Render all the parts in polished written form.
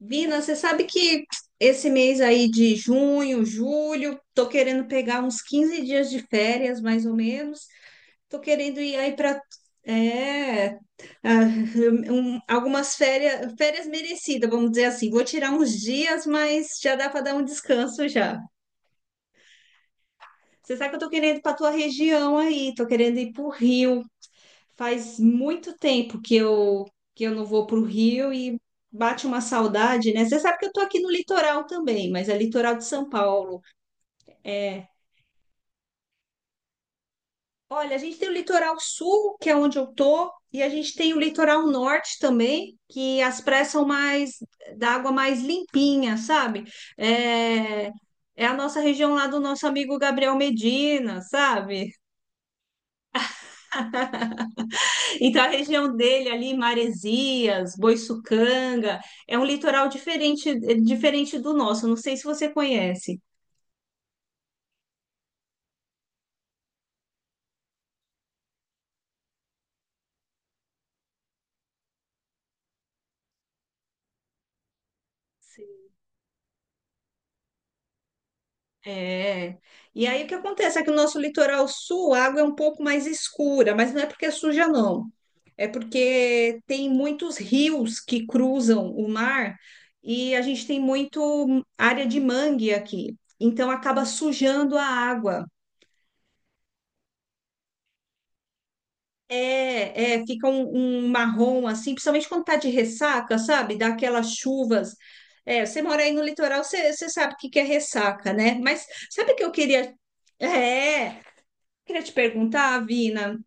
Vina, você sabe que esse mês aí de junho, julho, tô querendo pegar uns 15 dias de férias, mais ou menos. Tô querendo ir aí para é, ah, algumas férias, férias merecidas, vamos dizer assim. Vou tirar uns dias, mas já dá para dar um descanso já. Você sabe que eu tô querendo ir para tua região aí, tô querendo ir para o Rio. Faz muito tempo que eu não vou para o Rio e bate uma saudade, né? Você sabe que eu tô aqui no litoral também, mas é litoral de São Paulo. É, olha, a gente tem o litoral sul, que é onde eu tô, e a gente tem o litoral norte também, que as praias são mais da água mais limpinha, sabe? É, é a nossa região lá do nosso amigo Gabriel Medina, sabe? Então, a região dele ali, Maresias, Boiçucanga, é um litoral diferente, diferente do nosso. Não sei se você conhece. Sim. É. E aí o que acontece é que o nosso litoral sul, a água é um pouco mais escura, mas não é porque é suja, não. É porque tem muitos rios que cruzam o mar e a gente tem muito área de mangue aqui. Então acaba sujando a água. É, é, fica um marrom assim, principalmente quando tá de ressaca, sabe? Dá aquelas chuvas. É, você mora aí no litoral, você sabe o que que é ressaca, né? Mas sabe o que eu queria? É, Queria te perguntar, Vina,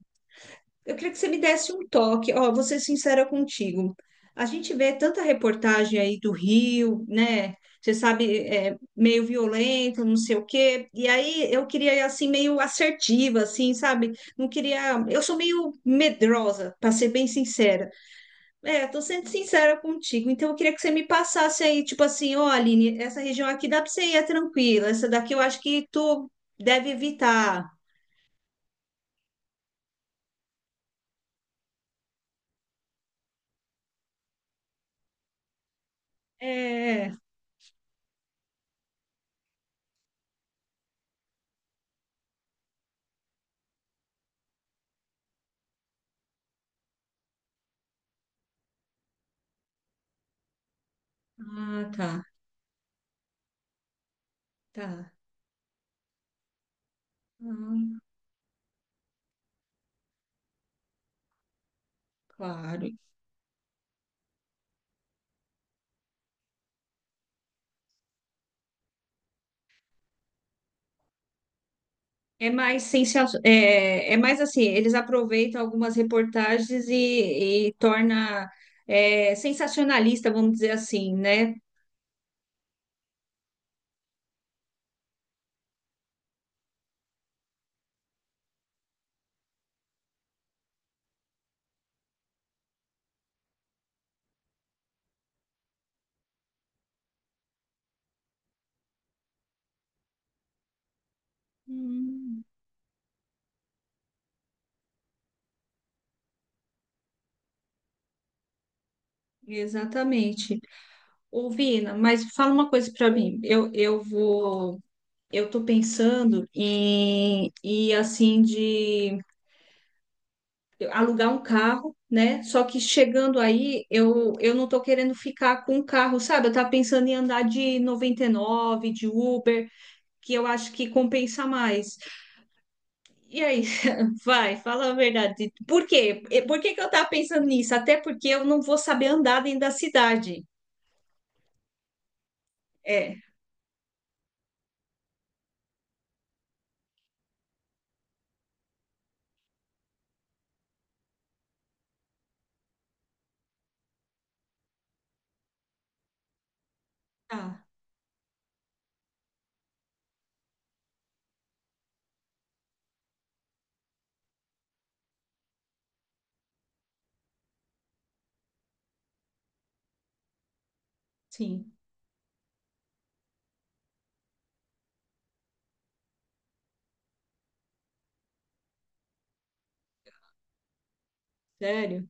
eu queria que você me desse um toque, ó, vou ser sincera contigo. A gente vê tanta reportagem aí do Rio, né? Você sabe, é, meio violento, não sei o quê. E aí eu queria ir assim meio assertiva, assim, sabe? Não queria. Eu sou meio medrosa, para ser bem sincera. É, tô sendo sincera contigo. Então eu queria que você me passasse aí, tipo assim, ó, Aline, essa região aqui dá para você ir é tranquila. Essa daqui eu acho que tu deve evitar. É. Ah, tá, tá. Ah. Claro. É mais sensacional é, é mais assim, eles aproveitam algumas reportagens e torna é, sensacionalista, vamos dizer assim, né? Hum. Exatamente. Ô, Vina, mas fala uma coisa para mim. Eu vou, eu tô pensando em, em assim de alugar um carro, né? Só que chegando aí, eu não tô querendo ficar com o carro, sabe? Eu tava pensando em andar de 99 de Uber. Que eu acho que compensa mais. E aí, vai, fala a verdade. Por quê? E por que que eu tava pensando nisso? Até porque eu não vou saber andar dentro da cidade. É, ah, sim, sério,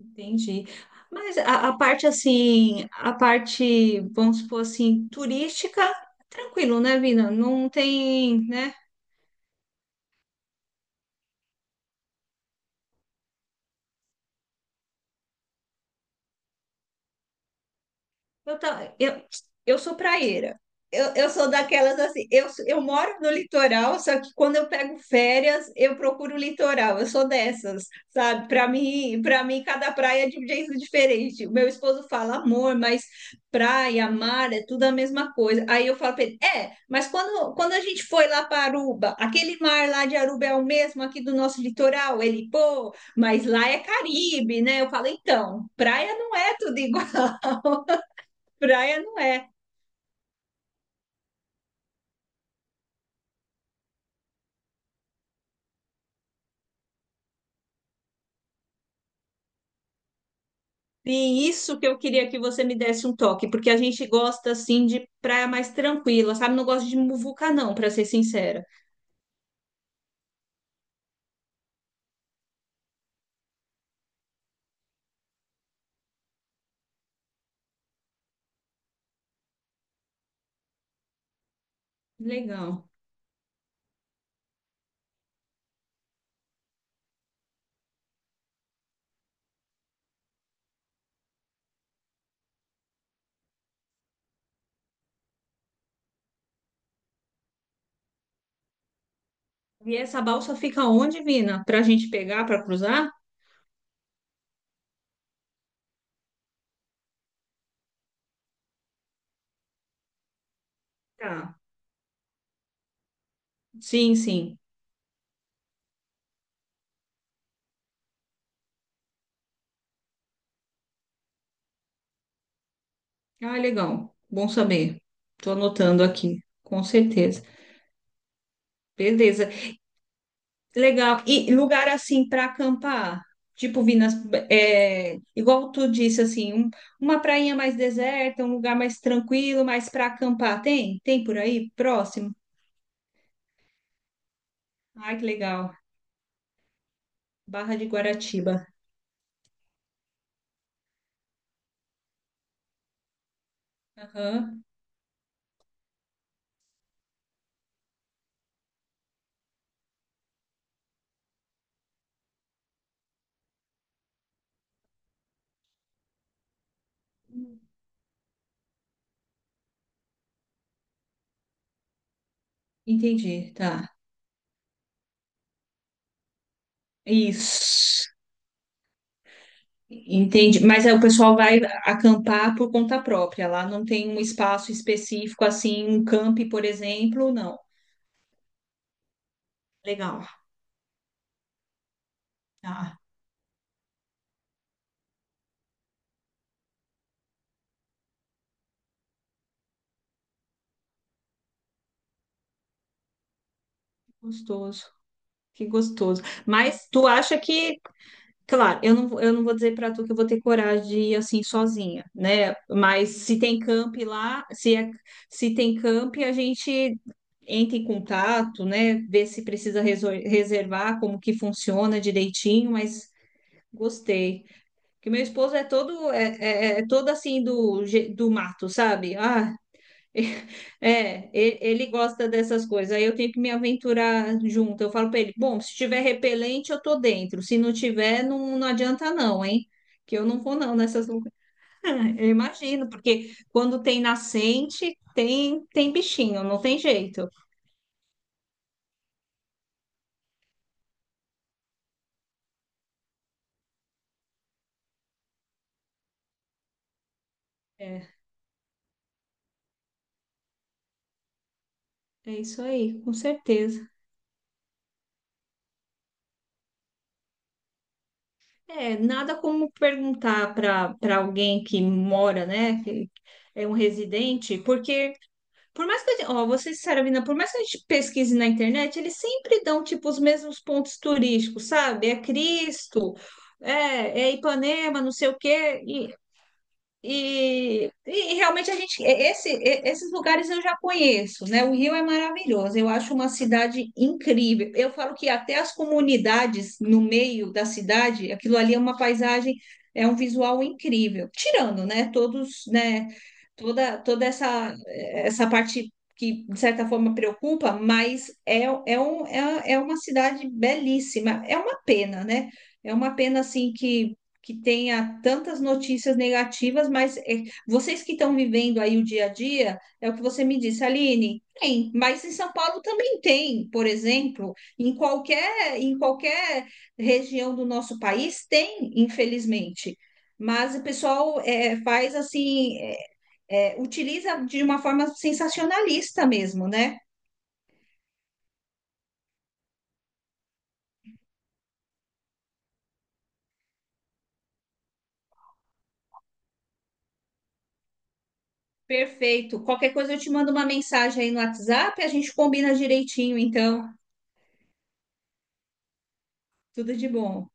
entendi. Mas a parte assim, a parte, vamos supor assim, turística, tranquilo, né, Vina? Não tem, né? Eu, ta- eu, eu sou praieira. Eu sou daquelas assim. Eu, sou- Eu moro no litoral, só que quando eu pego férias, eu procuro o litoral. Eu sou dessas, sabe? Para mim, cada praia é de um jeito diferente. O meu esposo fala, amor, mas praia, mar, é tudo a mesma coisa. Aí eu falo para ele, é, mas quando a gente foi lá para Aruba, aquele mar lá de Aruba é o mesmo aqui do nosso litoral? Ele, pô, mas lá é Caribe, né? Eu falo, então, praia não é tudo igual. Praia não é. Sim, isso que eu queria que você me desse um toque, porque a gente gosta assim de praia mais tranquila, sabe? Não gosto de muvuca, não, para ser sincera. Legal. E essa balsa fica onde, Vina? Para a gente pegar, para cruzar? Tá. Sim, sim. Ah, legal. Bom saber. Estou anotando aqui, com certeza. Beleza. Legal. E lugar assim para acampar? Tipo, Vinas, é, igual tu disse, assim, um- uma prainha mais deserta, um lugar mais tranquilo, mais para acampar. Tem? Tem por aí? Próximo? Ai, que legal. Barra de Guaratiba. Aham. Entendi, tá. Isso. Entendi. Mas aí o pessoal vai acampar por conta própria. Lá não tem um espaço específico, assim, um camp, por exemplo, não. Legal. Ah, gostoso. Que gostoso. Mas tu acha que claro, eu não vou dizer para tu que eu vou ter coragem de ir assim sozinha, né? Mas se tem camp lá, se tem camp, a gente entra em contato, né? Vê se precisa resol- reservar, como que funciona direitinho, mas gostei. Porque meu esposo é todo, é todo assim do, je- do mato, sabe? Ah, é, ele gosta dessas coisas. Aí eu tenho que me aventurar junto. Eu falo para ele: bom, se tiver repelente, eu tô dentro. Se não tiver, não, não adianta não, hein? Que eu não vou não nessas. Lu- eu imagino, porque quando tem nascente, tem tem bichinho, não tem jeito. É, é isso aí, com certeza. É, nada como perguntar para alguém que mora, né, que é um residente, porque por mais que a gente, ó, vou ser sincera, Vina, por mais que a gente pesquise na internet, eles sempre dão, tipo, os mesmos pontos turísticos, sabe? É Cristo, é Ipanema, não sei o quê. E e realmente a gente, esses lugares eu já conheço, né? O Rio é maravilhoso, eu acho uma cidade incrível. Eu falo que até as comunidades no meio da cidade, aquilo ali é uma paisagem, é um visual incrível. Tirando, né? Todos, né? Toda, toda essa, essa parte que de certa forma preocupa, mas é uma cidade belíssima. É uma pena, né? É uma pena assim que tenha tantas notícias negativas, mas é, vocês que estão vivendo aí o dia a dia, é o que você me disse, Aline, tem, mas em São Paulo também tem, por exemplo, em qualquer região do nosso país tem, infelizmente. Mas o pessoal é, faz assim, utiliza de uma forma sensacionalista mesmo, né? Perfeito. Qualquer coisa eu te mando uma mensagem aí no WhatsApp, a gente combina direitinho, então, tudo de bom.